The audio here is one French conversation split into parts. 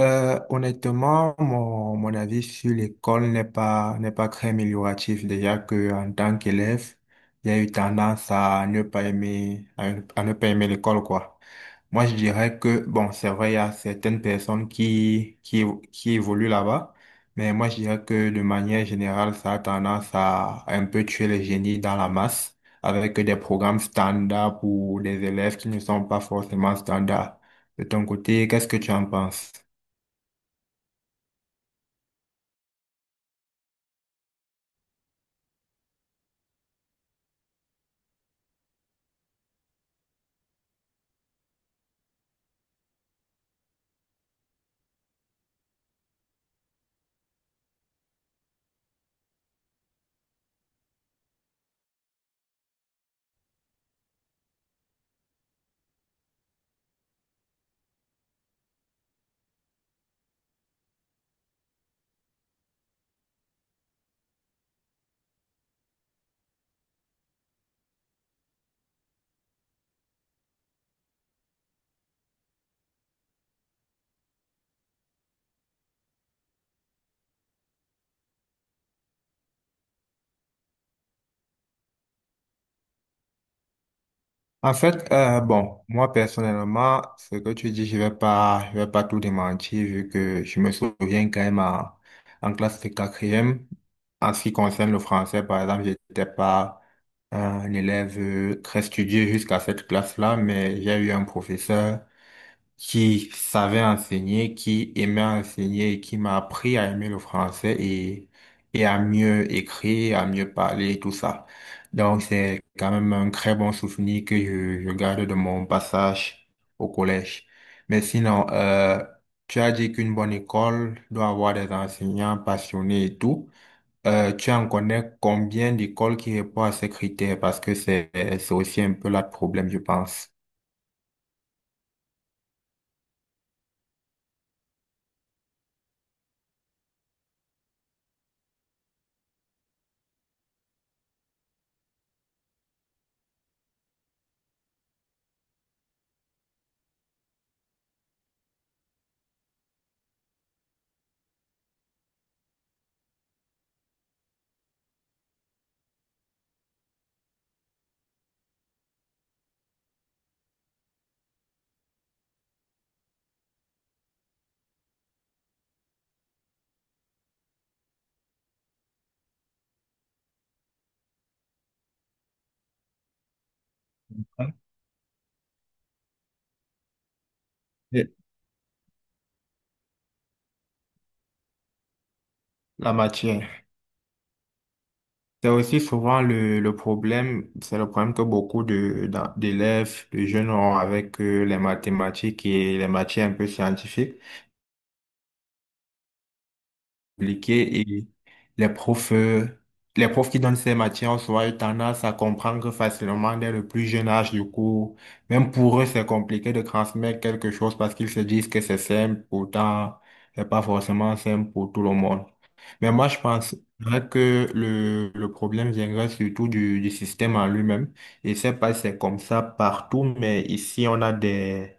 Honnêtement, mon avis sur l'école n'est pas très amélioratif. Déjà que en tant qu'élève, il y a eu tendance à ne pas aimer, à ne pas aimer l'école, quoi. Moi, je dirais que, bon, c'est vrai, il y a certaines personnes qui évoluent là-bas, mais moi, je dirais que de manière générale, ça a tendance à un peu tuer les génies dans la masse avec des programmes standards pour des élèves qui ne sont pas forcément standards. De ton côté, qu'est-ce que tu en penses? En fait, bon, moi personnellement, ce que tu dis, je vais pas tout démentir vu que je me souviens quand même en classe de quatrième, en ce qui concerne le français, par exemple, j'étais pas un élève très studieux jusqu'à cette classe-là, mais j'ai eu un professeur qui savait enseigner, qui aimait enseigner et qui m'a appris à aimer le français et à mieux écrire, à mieux parler et tout ça. Donc c'est quand même un très bon souvenir que je garde de mon passage au collège. Mais sinon, tu as dit qu'une bonne école doit avoir des enseignants passionnés et tout. Tu en connais combien d'écoles qui répondent à ces critères? Parce que c'est aussi un peu là le problème, je pense. Et la matière. C'est aussi souvent le problème, c'est le problème que beaucoup d'élèves, de jeunes ont avec les mathématiques et les matières un peu scientifiques, compliquées et les profs, euh, les profs qui donnent ces matières ont souvent eu tendance à comprendre facilement dès le plus jeune âge du cours. Même pour eux, c'est compliqué de transmettre quelque chose parce qu'ils se disent que c'est simple, pourtant, c'est pas forcément simple pour tout le monde. Mais moi, je pense que le problème viendrait surtout du système en lui-même. Et c'est pas si c'est comme ça partout, mais ici, on a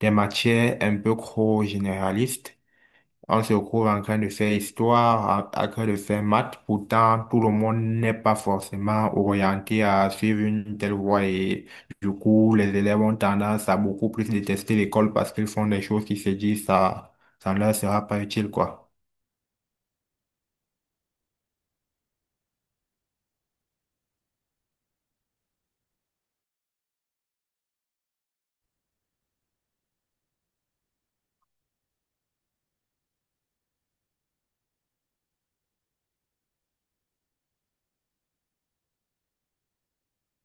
des matières un peu trop généralistes. On se retrouve en train de faire histoire, en train de faire maths. Pourtant, tout le monde n'est pas forcément orienté à suivre une telle voie. Et du coup, les élèves ont tendance à beaucoup plus détester l'école parce qu'ils font des choses qui se disent ça, ça ne leur sera pas utile, quoi.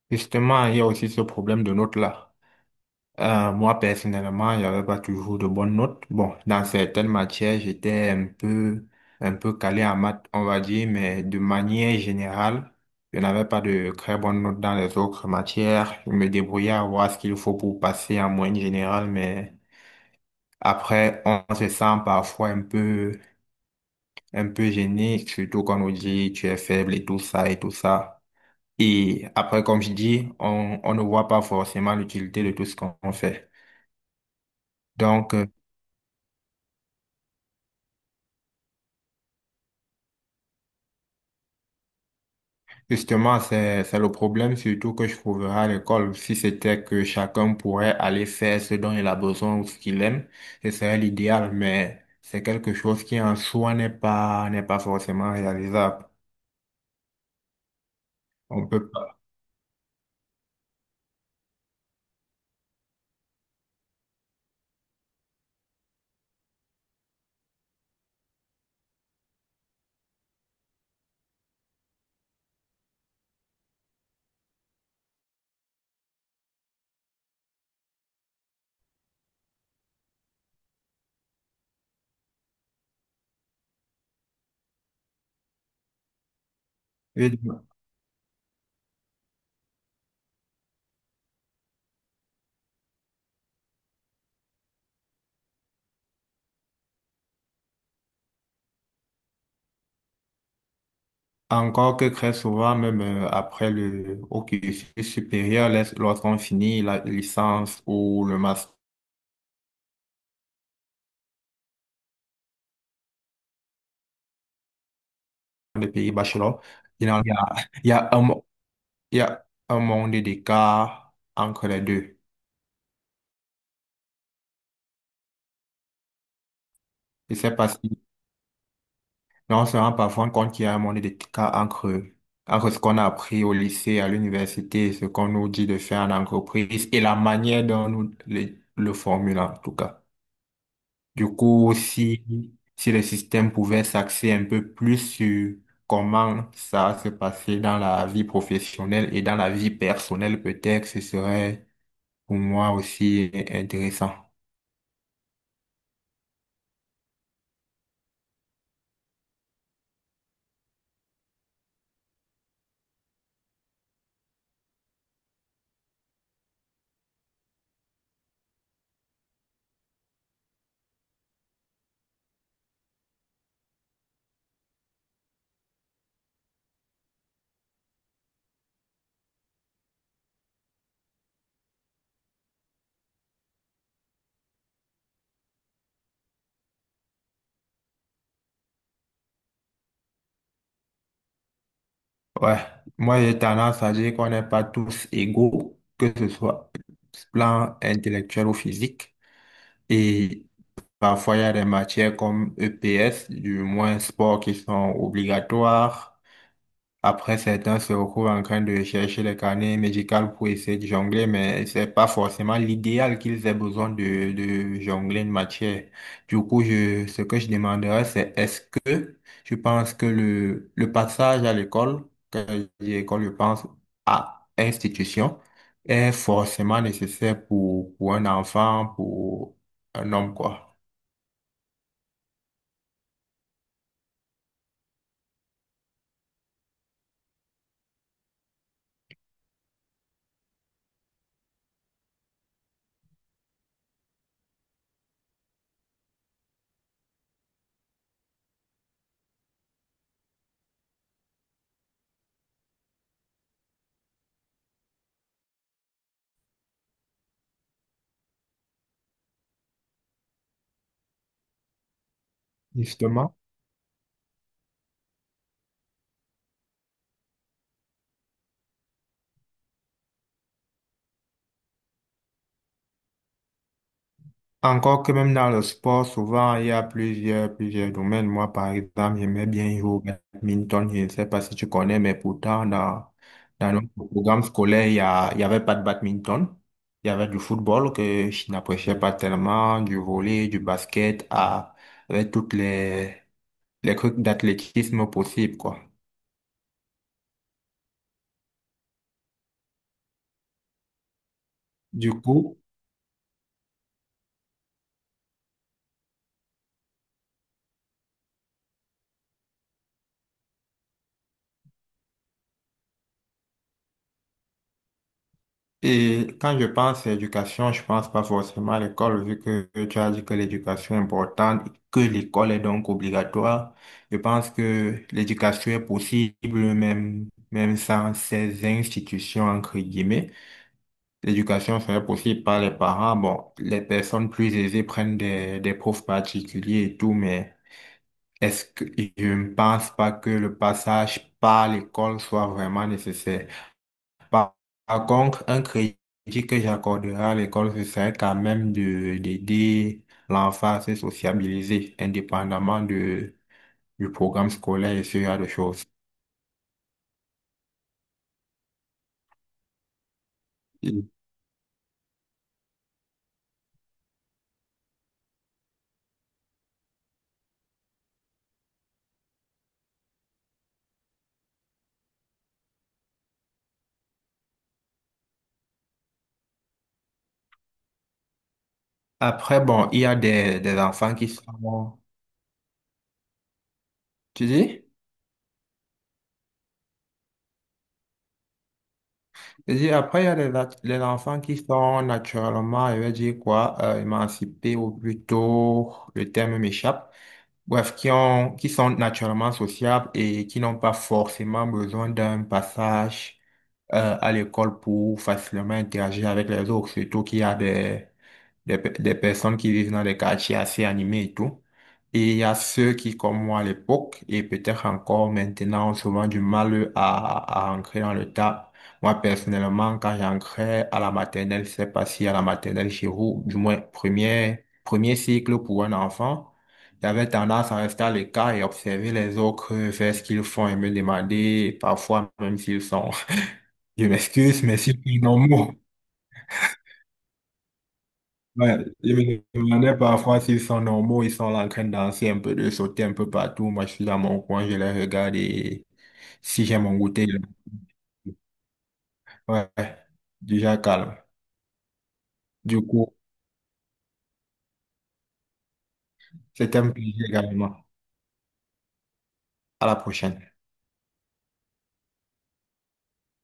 Justement, il y a aussi ce problème de notes là. Moi, personnellement, il n'y avait pas toujours de bonnes notes. Bon, dans certaines matières, un peu calé en maths, on va dire, mais de manière générale, je n'avais pas de très bonnes notes dans les autres matières. Je me débrouillais à voir ce qu'il faut pour passer en moyenne générale, mais après, on se sent parfois un peu gêné, surtout quand on nous dit tu es faible et tout ça et tout ça. Et après, comme je dis, on ne voit pas forcément l'utilité de tout ce qu'on fait. Donc, justement, c'est le problème surtout que je trouverais à l'école. Si c'était que chacun pourrait aller faire ce dont il a besoin ou ce qu'il aime, ce serait l'idéal, mais c'est quelque chose qui en soi n'est pas forcément réalisable. On peut pas. Et encore que très souvent, même après le au cursus supérieur, lorsqu'on finit la licence ou le master, des pays bachelor, il y a, il y a un, il y a un monde d'écart entre les deux. Je sais pas si, mais on se rend parfois compte qu'il y a un monde d'écart entre, entre ce qu'on a appris au lycée, à l'université, ce qu'on nous dit de faire en entreprise et la manière dont nous le formulons, en tout cas. Du coup, si le système pouvait s'axer un peu plus sur comment ça se passait dans la vie professionnelle et dans la vie personnelle, peut-être ce serait pour moi aussi, est intéressant. Ouais, moi j'ai tendance à dire qu'on n'est pas tous égaux, que ce soit plan intellectuel ou physique. Et parfois, il y a des matières comme EPS, du moins sport, qui sont obligatoires. Après, certains se retrouvent en train de chercher les carnets médicaux pour essayer de jongler, mais c'est pas forcément l'idéal qu'ils aient besoin de jongler une matière. Du coup, ce que je demanderais, c'est est-ce que je pense que le passage à l'école, quand je dis école, je pense à institution, est forcément nécessaire pour un enfant, pour un homme, quoi. Justement. Encore que même dans le sport, souvent, il y a plusieurs domaines. Moi, par exemple, j'aimais bien jouer au badminton. Je ne sais pas si tu connais, mais pourtant, dans notre programme scolaire, il y avait pas de badminton. Il y avait du football que je n'appréciais pas tellement, du volley, du basket, à, avec toutes les trucs d'athlétisme possibles, quoi. Du coup, et quand je pense à éducation, je pense pas forcément à l'école, vu que tu as dit que l'éducation est importante, que l'école est donc obligatoire. Je pense que l'éducation est possible même sans ces institutions, entre guillemets. L'éducation serait possible par les parents. Bon, les personnes plus aisées prennent des profs particuliers et tout, mais est-ce que je ne pense pas que le passage par l'école soit vraiment nécessaire? Par, par contre, un crédit que j'accorderai à l'école, ce serait quand même de, d'aider l'enfant à se sociabiliser, indépendamment de, du programme scolaire et ce genre de choses. Mm. Après, bon, il y a des enfants qui sont, tu dis? Je dis, après, il y a des, nat- des enfants qui sont naturellement, je vais dire quoi, émancipés ou plutôt, le terme m'échappe. Bref, qui ont, qui sont naturellement sociables et qui n'ont pas forcément besoin d'un passage à l'école pour facilement interagir avec les autres, surtout qu'il y a des, pe- des personnes qui vivent dans des quartiers assez animés et tout. Et il y a ceux qui, comme moi à l'époque, et peut-être encore maintenant, ont souvent du mal à ancrer dans le tas. Moi, personnellement, quand j'ancrais à la maternelle, c'est pas si à la maternelle chez vous, du moins premier cycle pour un enfant, j'avais tendance à rester à l'écart et observer les autres faire ce qu'ils font et me demander, parfois même s'ils sont, je m'excuse, mais s'ils sont normaux. Ouais, les me parfois s'ils sont normaux, ils sont là en train de danser un peu, de sauter un peu partout. Moi, je suis dans mon coin, je les regarde et si j'ai mon goûter, je- ouais, déjà calme. Du coup, c'était un plaisir également. À la prochaine.